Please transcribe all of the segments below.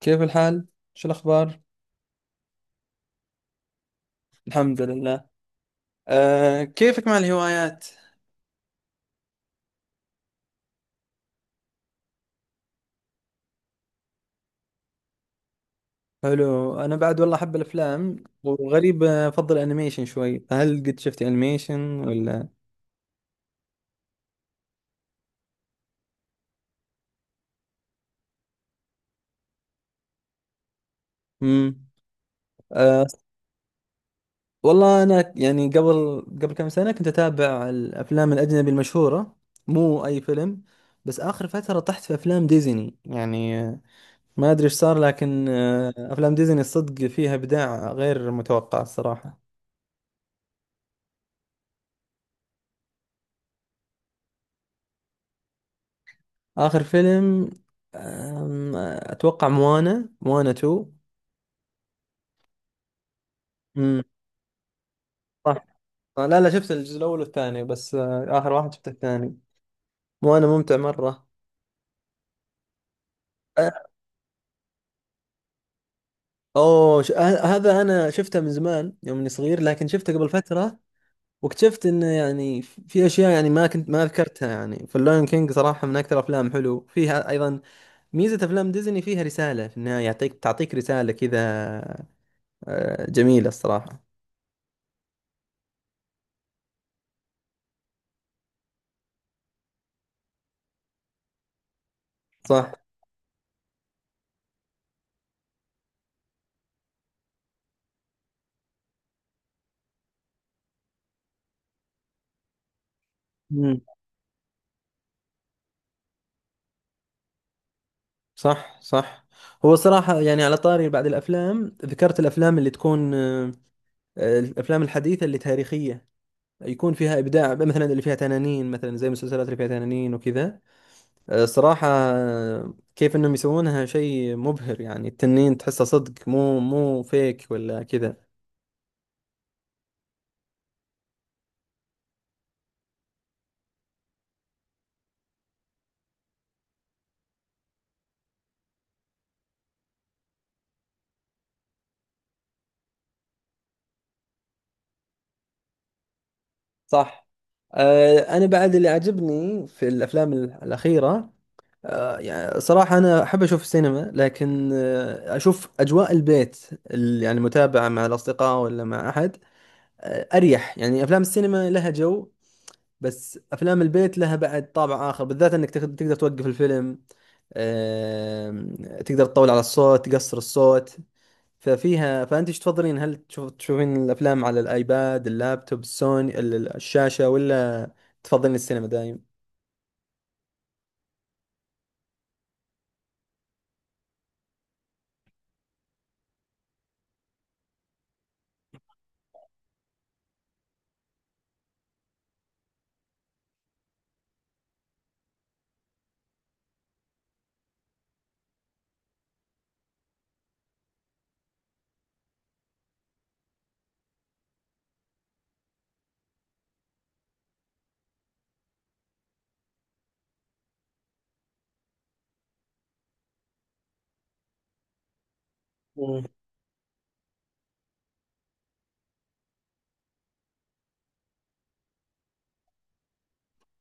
كيف الحال؟ شو الأخبار؟ الحمد لله. كيفك مع الهوايات؟ حلو، أنا بعد والله أحب الأفلام، وغريب، أفضل أنيميشن شوي، فهل قد شفت أنيميشن ولا؟ مم. أه والله أنا يعني قبل كم سنة كنت أتابع الأفلام الأجنبي المشهورة، مو أي فيلم. بس آخر فترة طحت في أفلام ديزني يعني، ما أدري إيش صار، لكن أفلام ديزني الصدق فيها إبداع غير متوقع الصراحة. آخر فيلم؟ أتوقع موانا موانا 2. امم صح، لا لا، شفت الجزء الأول والثاني، بس آخر واحد شفته الثاني. موانا ممتع مرة. آه، أوه ش... آه، هذا أنا شفته من زمان يوم إني صغير، لكن شفته قبل فترة، واكتشفت إنه يعني في أشياء يعني ما كنت ما ذكرتها يعني، فاللون كينج صراحة من أكثر أفلام حلو فيها. أيضا ميزة أفلام ديزني فيها رسالة في النهاية، تعطيك رسالة كذا. جميلة الصراحة. صح صح صح. هو صراحة يعني على طاري بعد الأفلام، ذكرت الأفلام اللي تكون الأفلام الحديثة اللي تاريخية، يكون فيها إبداع، مثلا اللي فيها تنانين، مثلا زي المسلسلات اللي فيها تنانين وكذا. صراحة، كيف إنهم يسوونها شيء مبهر! يعني التنين تحسه صدق، مو فيك ولا كذا. صح. أنا بعد اللي عجبني في الأفلام الأخيرة، يعني صراحة أنا أحب أشوف السينما، لكن أشوف أجواء البيت، يعني متابعة مع الأصدقاء ولا مع أحد أريح. يعني أفلام السينما لها جو، بس أفلام البيت لها بعد طابع آخر، بالذات أنك تقدر توقف الفيلم، آم، تقدر تطول على الصوت، تقصر الصوت. ففيها، فأنت إيش تفضلين؟ هل تشوفين الأفلام على الآيباد، اللابتوب، السوني، الشاشة، ولا تفضلين السينما دايم؟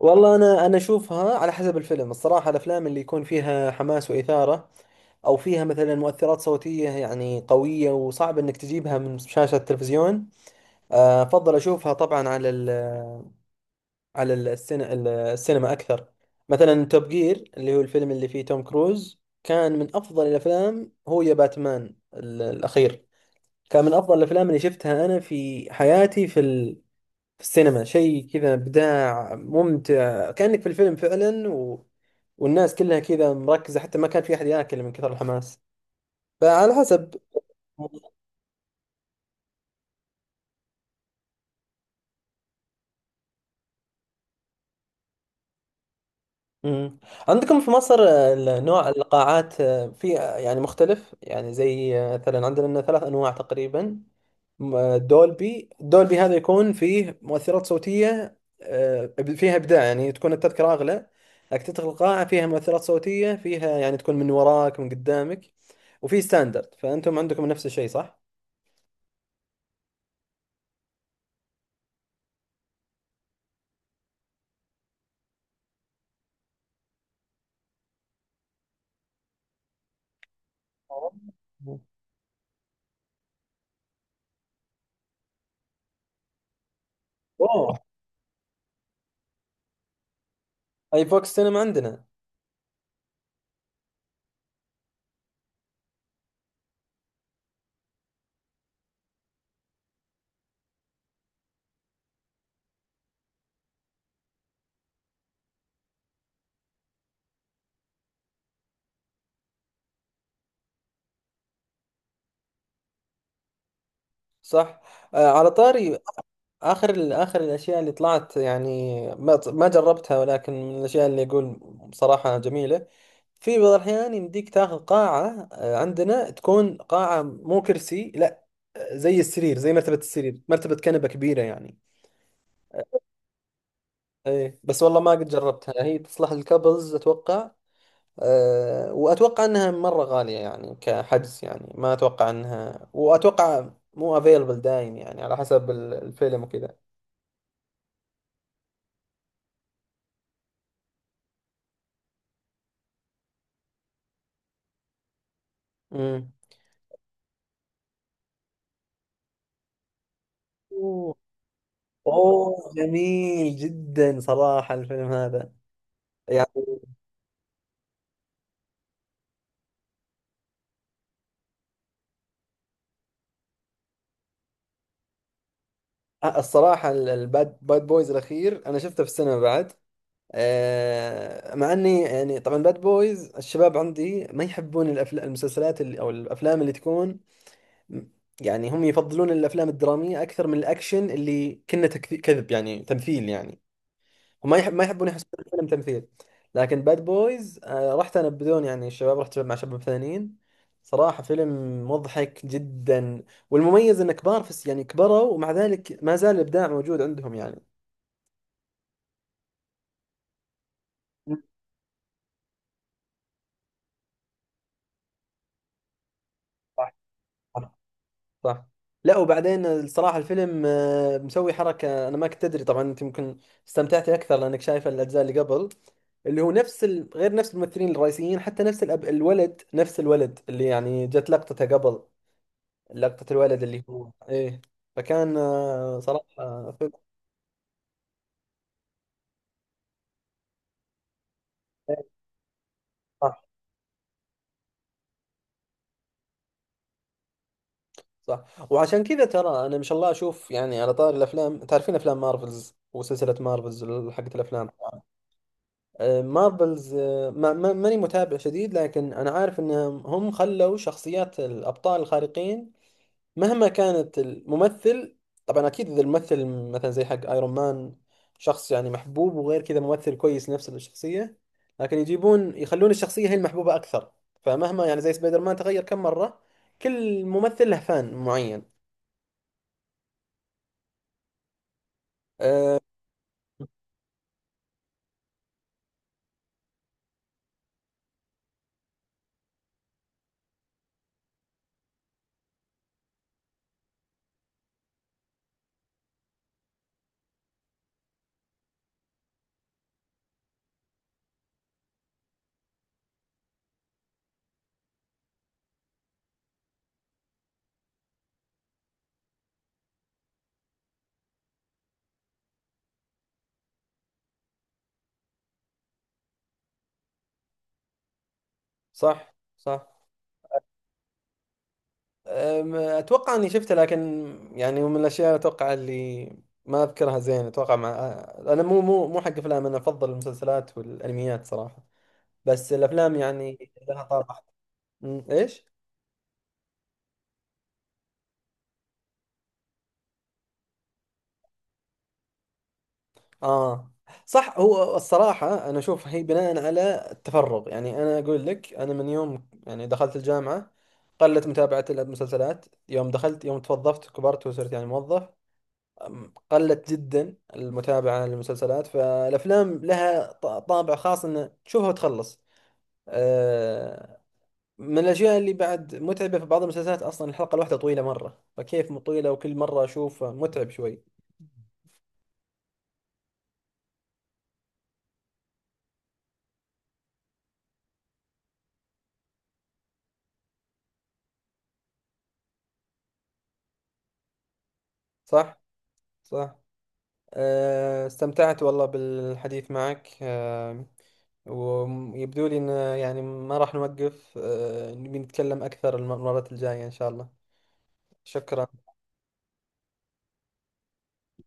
والله انا اشوفها على حسب الفيلم الصراحه. الافلام اللي يكون فيها حماس واثاره، او فيها مثلا مؤثرات صوتيه يعني قويه وصعب انك تجيبها من شاشه التلفزيون، افضل اشوفها طبعا على السينما اكثر. مثلا توب جير، اللي هو الفيلم اللي فيه توم كروز، كان من افضل الافلام. هو يا باتمان الاخير كان من افضل الافلام اللي شفتها انا في حياتي في السينما. شيء كذا إبداع ممتع، كأنك في الفيلم فعلا. والناس كلها كذا مركزة، حتى ما كان في أحد ياكل من كثر الحماس. فعلى حسب. مم. عندكم في مصر نوع القاعات في، يعني مختلف؟ يعني زي، مثلا عندنا ثلاث أنواع تقريبا. دولبي، هذا يكون فيه مؤثرات صوتية، فيها إبداع، يعني تكون التذكرة أغلى، لكن تدخل القاعة فيها مؤثرات صوتية فيها، يعني تكون من وراك من قدامك. وفي ستاندرد، فأنتم عندكم نفس الشيء صح؟ آه. اوه، اي فوكس سينما عندنا. صح. آه، على طاري آخر الأشياء اللي طلعت، يعني ما جربتها، ولكن من الأشياء اللي أقول بصراحة جميلة. في بعض الأحيان يمديك تاخذ قاعة، عندنا، تكون قاعة مو كرسي، لا، زي السرير، زي مرتبة السرير، مرتبة كنبة كبيرة يعني. إيه، بس والله ما قد جربتها. هي تصلح للكابلز أتوقع. أه، وأتوقع أنها مرة غالية يعني كحجز، يعني ما أتوقع أنها، وأتوقع مو افيلبل دايم، يعني على حسب الفيلم وكذا. امم اوه، جميل جدا صراحة الفيلم هذا. يعني الصراحة باد بويز الأخير أنا شفته في السينما بعد. مع أني يعني طبعا باد بويز، الشباب عندي ما يحبون الأفلام، المسلسلات اللي، أو الأفلام اللي تكون، يعني هم يفضلون الأفلام الدرامية أكثر من الأكشن، اللي كنا كذب يعني تمثيل يعني. وما يحب ما يحبون، يحسبون الفيلم تمثيل. لكن باد بويز رحت انا بدون، يعني الشباب، رحت مع شباب ثانيين. صراحة فيلم مضحك جدا. والمميز انه كبار في يعني كبروا، ومع ذلك ما زال الابداع موجود عندهم يعني. صح. صح. صح. لا، وبعدين الصراحة الفيلم، مسوي حركة. أنا ما كنت أدري، طبعا أنت يمكن استمتعتي أكثر لأنك شايفة الأجزاء اللي قبل، اللي هو نفس، غير نفس الممثلين الرئيسيين، حتى نفس، الولد، نفس الولد اللي يعني جت لقطته قبل، لقطة الولد اللي هو ايه. فكان، صراحة فيلم. إيه، صح صح. وعشان كذا ترى، انا ما شاء الله اشوف يعني، على طار الافلام، تعرفين افلام مارفلز وسلسلة مارفلز حقت الافلام. مارفلز، ماني متابع شديد، لكن انا عارف انهم هم خلوا شخصيات الابطال الخارقين مهما كانت الممثل. طبعا اكيد، اذا الممثل مثلا زي حق ايرون مان، شخص يعني محبوب وغير كذا ممثل كويس، نفس الشخصيه. لكن يخلون الشخصيه هي المحبوبه اكثر. فمهما يعني زي سبايدر مان تغير كم مره، كل ممثل له فان معين. أه صح صح. اتوقع اني شفته، لكن يعني من الاشياء اتوقع اللي ما اذكرها زين، اتوقع مع، انا مو حق افلام. انا افضل المسلسلات والانميات صراحه، بس الافلام يعني لها طابع. ايش؟ اه، صح. هو الصراحة انا اشوف هي بناء على التفرغ يعني. انا اقول لك، انا من يوم يعني دخلت الجامعة قلت متابعة المسلسلات، يوم دخلت يوم توظفت كبرت وصرت يعني موظف. قلت جدا المتابعة للمسلسلات، فالافلام لها طابع خاص، انه تشوفها وتخلص. آه من الاشياء اللي بعد متعبة في بعض المسلسلات، اصلا الحلقة الواحدة طويلة مرة، فكيف طويلة، وكل مرة اشوف متعب شوي. صح؟ صح. استمتعت والله بالحديث معك. ويبدو لي إن، يعني ما راح نوقف، نبي نتكلم أكثر المرات الجاية إن شاء الله. شكرا.